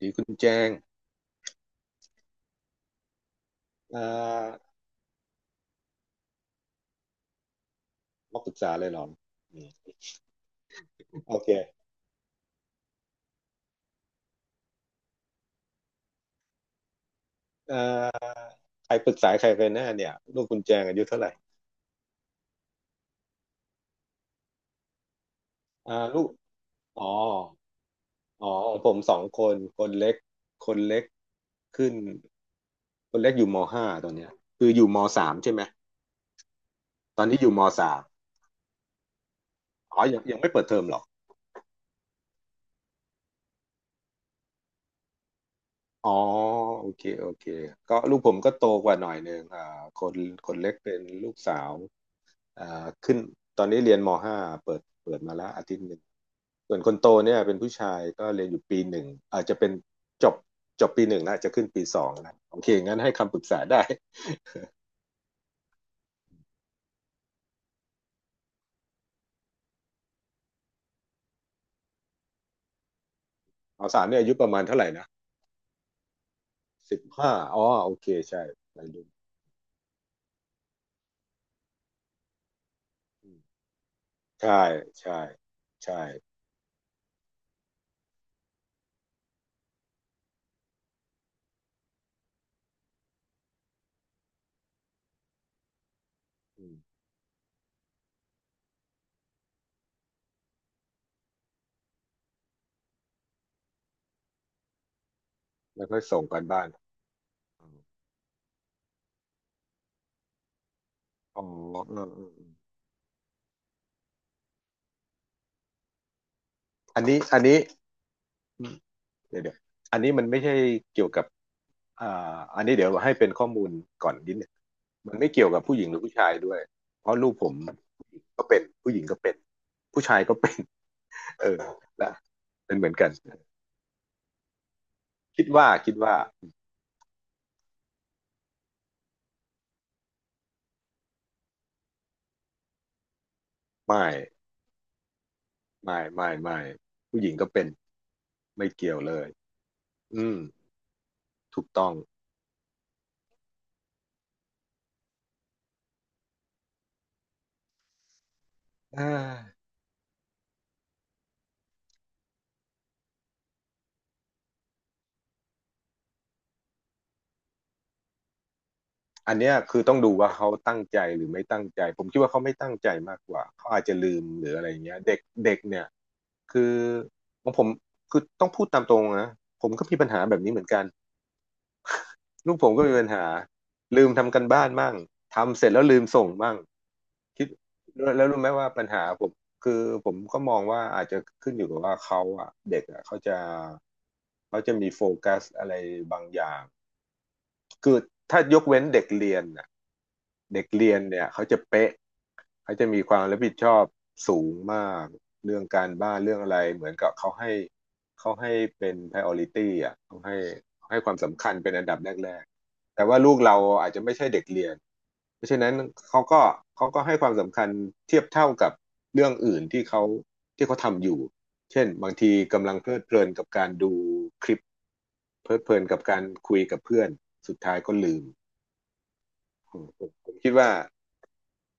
ดีคุณแจงเอ่อมาปรึกษาเลยเหรออืมโอเคเอ่อใครปรึกษาใครกันแน่เนี่ยลูกคุณแจงอายุเท่าไหร่อ่าลูกอ๋ออ๋อของผมสองคนคนเล็กคนเล็กขึ้นคนเล็กอยู่มห้าตอนเนี้ยคืออยู่มสามใช่ไหมตอนนี้อยู่มสามอ๋อยังไม่เปิดเทอมหรอกอ๋อโอเคโอเคก็ลูกผมก็โตกว่าหน่อยหนึ่งคนคนเล็กเป็นลูกสาว อ่าขึ้นตอนนี้เรียนมห้าเปิดมาแล้วอาทิตย์หนึ่งส่วนคนโตเนี่ยเป็นผู้ชายก็เรียนอยู่ปีหนึ่งอาจจะเป็นจบจบปีหนึ่งแล้วจะขึ้นปีสองนะโอเคงั้นให้คำปรึกษาได้เอาสามเนี่ยอายุประมาณเท่าไหร่นะ15อ๋อโอเคใช่วัยรุ่นอืมใช่ใช่ใช่อืมแล้วก็ส่งกันบ้านอ๋ออืมอืมอืมอันนี้อืมเดี๋ยวเดี๋ยวอันนี้มันไม่ใช่เกี่ยวกับ อ่าอันนี้เดี๋ยวให้เป็นข้อมูลก่อนนิดหนึงมันไม่เกี่ยวกับผู้หญิงหรือผู้ชายด้วยเพราะลูกผมก็เป็นผู้หญิงก็เป็นผู้ชายก็เป็น เออและเป็นเหมือนกันคิดว่าไม่ไม่ไม่ไม่ผู้หญิงก็เป็นไม่เกี่ยวเลยอืมถูกต้องอ่าอันเนี้ยคือต้องดูว่าเขาตั้งใจหรือไม่ตั้งใจผมคิดว่าเขาไม่ตั้งใจมากกว่าเขาอาจจะลืมหรืออะไรเงี้ยเด็กเด็กเนี่ยคือของผมคือต้องพูดตามตรงนะผมก็มีปัญหาแบบนี้เหมือนกัน ลูกผมก็มีปัญหาลืมทำกันบ้านมั่งทำเสร็จแล้วลืมส่งมั่งคิดแล้วแล้วรู้ไหมว่าปัญหาผมคือผมก็มองว่าอาจจะขึ้นอยู่กับว่าเขาอะเด็กอะเขาจะมีโฟกัสอะไรบางอย่าง คือถ้ายกเว้นเด็กเรียนน่ะเด็กเรียนเนี่ยเขาจะเป๊ะเขาจะมีความรับผิดชอบสูงมากเรื่องการบ้านเรื่องอะไรเหมือนกับเขาให้เป็น priority อ่ะเขาให้ความสำคัญเป็นอันดับแรกๆแต่ว่าลูกเราอาจจะไม่ใช่เด็กเรียนเพราะฉะนั้นเขาก็เขาก็ให้ความสำคัญเทียบเท่ากับเรื่องอื่นที่เขาทำอยู่ เช่นบางทีกำลังเพลิดเพลินกับการดูคลิปเพลิดเพลินกับการคุยกับเพื่อนสุดท้ายก็ลืมผมคิดว่า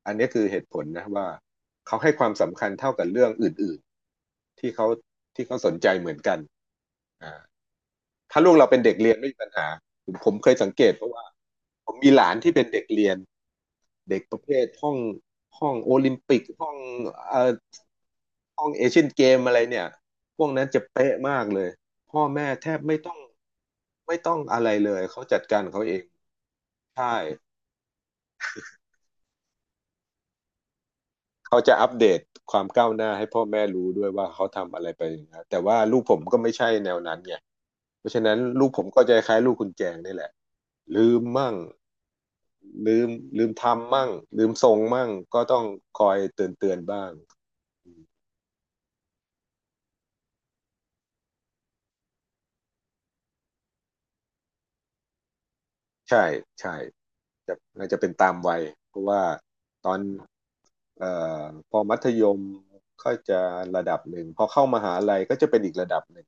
อันนี้คือเหตุผลนะว่าเขาให้ความสำคัญเท่ากับเรื่องอื่นๆที่เขาสนใจเหมือนกันอ่าถ้าลูกเราเป็นเด็กเรียนไม่มีปัญหาผมเคยสังเกตเพราะว่าผมมีหลานที่เป็นเด็กเรียนเด็กประเภทห้องโอลิมปิกห้องเอ่อ ห้องเอเชียนเกมอะไรเนี่ยพวกนั้นจะเป๊ะมากเลยพ่อแม่แทบไม่ต้องอะไรเลยเขาจัดการเขาเองใช่เขาจะอัปเดตความก้าวหน้าให้พ่อแม่รู้ด้วยว่าเขาทำอะไรไปนะแต่ว่าลูกผมก็ไม่ใช่แนวนั้นไงเพราะฉะนั้นลูกผมก็จะคล้ายลูกคุณแจงนี่แหละลืมมั่งลืมลืมทำมั่งลืมส่งมั่งก็ต้องคอยเตือนเตือนบ้าง ใช่ใช่จะน่าจะเป็นตามวัยเพราะว่าตอนเอ่อพอมัธยมก็จะระดับหนึ่งพอเข้ามหาลัยก็จะเป็นอีกระดับหนึ่ง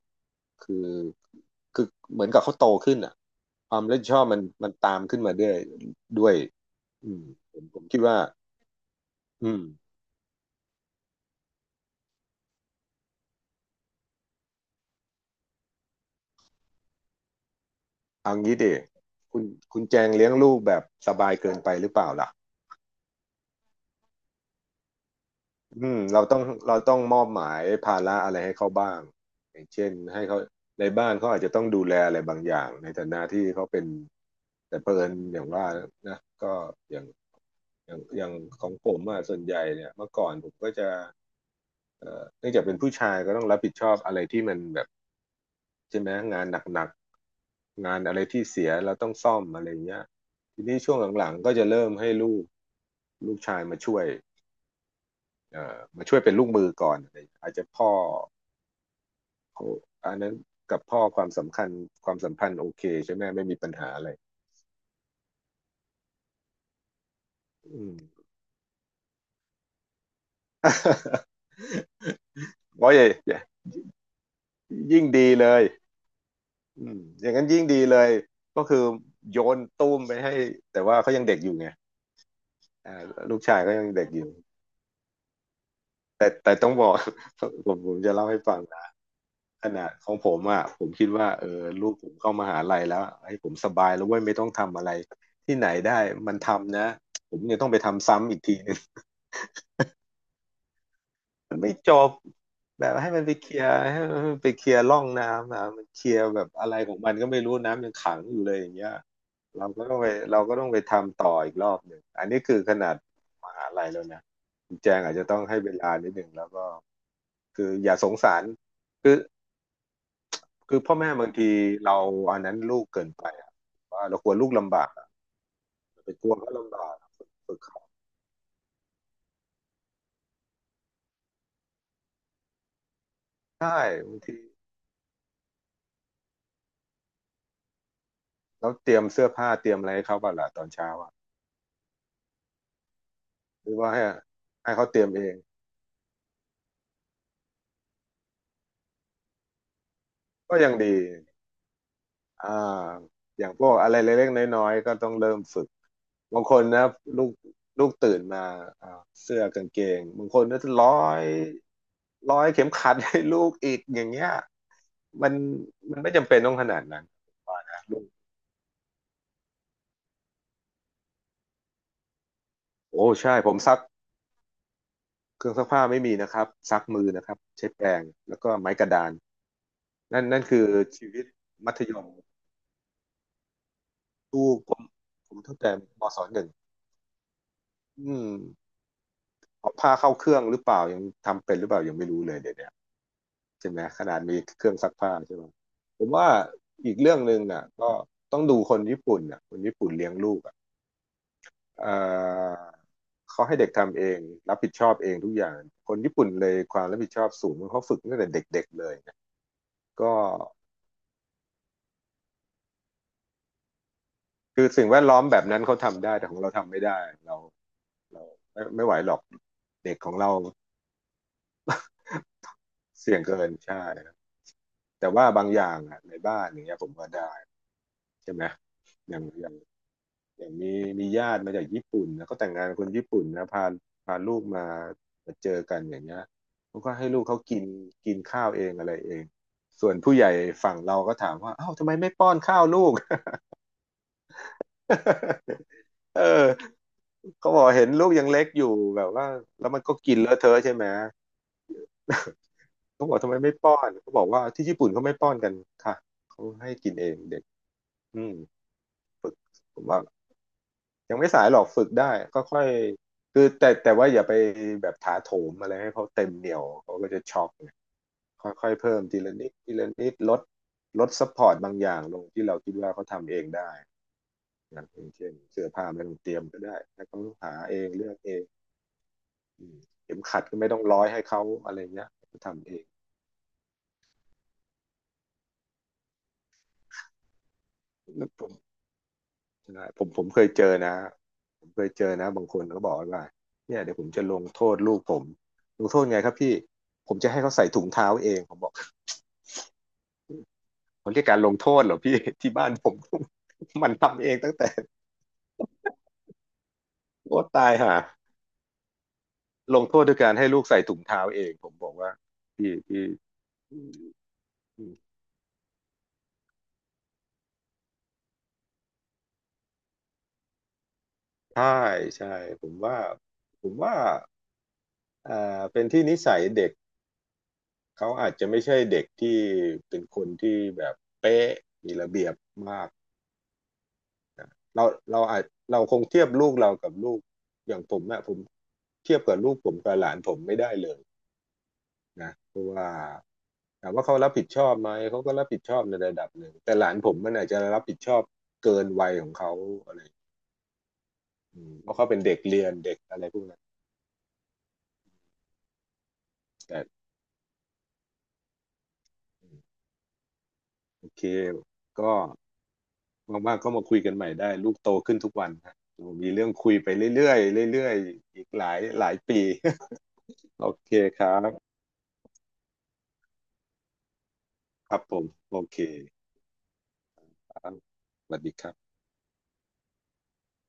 คือคือเหมือนกับเขาโตขึ้นอ่ะความรับผิดชอบมันตามขึ้นมาด้วยอืมผมคิดว่าอืมเอางี้ดิคุณคุณแจงเลี้ยงลูกแบบสบายเกินไปหรือเปล่าล่ะ อืมเราต้องมอบหมายภาระอะไรให้เขาบ้างอย่างเช่นให้เขาในบ้านเขาอาจจะต้องดูแลอะไรบางอย่างในฐานะที่เขาเป็นแต่เผอิญอย่างว่านะก็อย่างอย่างของผมอะส่วนใหญ่เนี่ยเมื่อก่อนผมก็จะเนื่องจากเป็นผู้ชายก็ต้องรับผิดชอบอะไรที่มันแบบใช่ไหมงานหนักๆงานอะไรที่เสียเราต้องซ่อมอะไรเงี้ยทีนี้ช่วงหลังๆก็จะเริ่มให้ลูกชายมาช่วย มาช่วยเป็นลูกมือก่อนอะไรอาจจะพ่อเขาอันนั้นกับพ่อความสำคัญความสัมพันธ์โอเคใช่ไหมไม่มีปัญหาอะไรอืม โอ้ยยิ่งดีเลยอืมอย่างนั้นยิ่งดีเลยก็คือโยนตุ้มไปให้แต่ว่าเขายังเด็กอยู่ไงอ่าลูกชายเขายังเด็กอยู่ แต่ต้องบอก ผมจะเล่าให้ฟังนะขนาดของผมอ่ะผมคิดว่าลูกผมเข้ามหาลัยแล้วให้ผมสบายแล้วเว้ยไม่ต้องทำอะไรที่ไหนได้มันทำนะผมเนี่ยต้องไปทำซ้ำอีกทีหนึง มันไม่จบแบบให้มันไปเคลียร์ให้มันไปเคลียร์ร่องน้ำนะมันเคลียร์แบบอะไรของมันก็ไม่รู้น้ำยังขังอยู่เลยอย่างเงี้ยเราก็ต้องไปเราก็ต้องไปทำต่ออีกรอบหนึ่งอันนี้คือขนาดมหาลัยแล้วนะคุณแจงอาจจะต้องให้เวลานิดหนึ่งแล้วก็คืออย่าสงสารคือคือพ่อแม่บางทีเราอันนั้นลูกเกินไปอะว่าเรากลัวลูกลำบากอะไปกลัวเขาลำบากฝึกเขาใช่บางทีเราเตรียมเสื้อผ้าเตรียมอะไรให้เขาบ้างล่ะตอนเช้าอะ หรือว่าให้ให้เขาเตรียมเองก็ยังดีอ่าอย่างพวกอะไรเล็กๆน้อยๆก็ต้องเริ่มฝึกบางคนนะลูกลูกตื่นมาอ่าเสื้อกางเกงบางคนก็จะยร้อยเข็มขัดให้ลูกอีกอย่างเงี้ยมันมันไม่จำเป็นต้องขนาดนั้นว่านะลูกโอ้ใช่ผมซักเครื่องซักผ้าไม่มีนะครับซักมือนะครับใช้แปรงแล้วก็ไม้กระดานนั่นคือชีวิตมัธยมลูกผมผมเั้าแต่มศ1อืม ผ้าเข้าเครื่องหรือเปล่ายังทำเป็นหรือเปล่ายังไม่รู้เลยเดี๋ยวเนี้ยใช่ไหมขนาดมีเครื่องซักผ้าใช่ไหมผมว่าอีกเรื่องหนึ่งอ่ะก็ต้องดูคนญี่ปุ่นอ่ะคนญี่ปุ่นเลี้ยงลูกอ่ะเอ่อเขาให้เด็กทำเองรับผิดชอบเองทุกอย่างคนญี่ปุ่นเลยความรับผิดชอบสูงเขาฝึกตั้งแต่เด็กๆเลยนะก็คือสิ่งแวดล้อมแบบนั้นเขาทำได้แต่ของเราทำไม่ได้เราเราไม่ไหวหรอกเด็กของเรา เสี่ยงเกินใช่ครับแต่ว่าบางอย่างอ่ะในบ้านอย่างเงี้ยผมก็ได้ใช่ไหม อย่างอย่างอย่างมีญาติมาจากญี่ปุ่นนะก็แต่งงานกับคนญี่ปุ่นนะพาพาลูกมามาเจอกันอย่างเงี้ยเขาก็ให้ลูกเขากินกินข้าวเองอะไรเองส่วนผู้ใหญ่ฝั่งเราก็ถามว่าอ้าวทำไมไม่ป้อนข้าวลูก เออเขาบอกเห็นลูกยังเล็กอยู่แบบว่าแล้วมันก็กินเลอะเทอะใช่ไหม เขาบอกทำไมไม่ป้อนเขาบอกว่าที่ญี่ปุ่นเขาไม่ป้อนกันค่ะเขาให้กินเองเด็กอืมผมว่ายังไม่สายหรอกฝึกได้ก็ค่อยคือแต่ว่าอย่าไปแบบถาโถมอะไรให้เขาเต็มเหนี่ยวเขาก็จะช็อกไงค่อยๆเพิ่มทีละนิดทีละนิดลดลดซัพพอร์ตบางอย่างลงที่เราคิดว่าเขาทำเองได้นะอย่างเช่นเสื้อผ้าไม่ต้องเตรียมก็ได้ให้เขาหาเองเลือกเองอืมเข็มขัดก็ไม่ต้องร้อยให้เขาอะไรเงี้ยเขาทำเองแล้วผม ใช่ผมเคยเจอนะผมเคยเจอนะบางคนก็บอกว่าเนี่ยเดี๋ยวผมจะลงโทษลูกผมลงโทษไงครับพี่ผมจะให้เขาใส่ถุงเท้าเองผมบอกเขาเรียกการลงโทษเหรอพี่ ที่บ้านผม มันทำเองตั้งแต่โอ้ตายห่าลงโทษด้วยการให้ลูกใส่ถุงเท้าเองผมบอกว่าพี่ใช่ใช่ผมว่าผมว่าอ่าเป็นที่นิสัยเด็กเขาอาจจะไม่ใช่เด็กที่เป็นคนที่แบบเป๊ะมีระเบียบมาก เราเราอาจเราคงเทียบลูกเรากับลูกอย่างผมอะผมเทียบกับลูกผมกับหลานผมไม่ได้เลยนะเพราะว่าถามว่าเขารับผิดชอบไหมเขาก็รับผิดชอบในระดับหนึ่งแต่หลานผมมันอาจจะรับผิดชอบเกินวัยของเขาอะไรอืมเพราะเขาเป็นเด็กเรียนเด็กอะไรพวกนั้นแต่อืมโอเคก็ว่างๆก็มาคุยกันใหม่ได้ลูกโตขึ้นทุกวันนะมีเรื่องคุยไปเรื่อยๆเรื่อยๆอีกหลายหลายปี โอเคครับครับผมโอเคครับสวัสดีครับ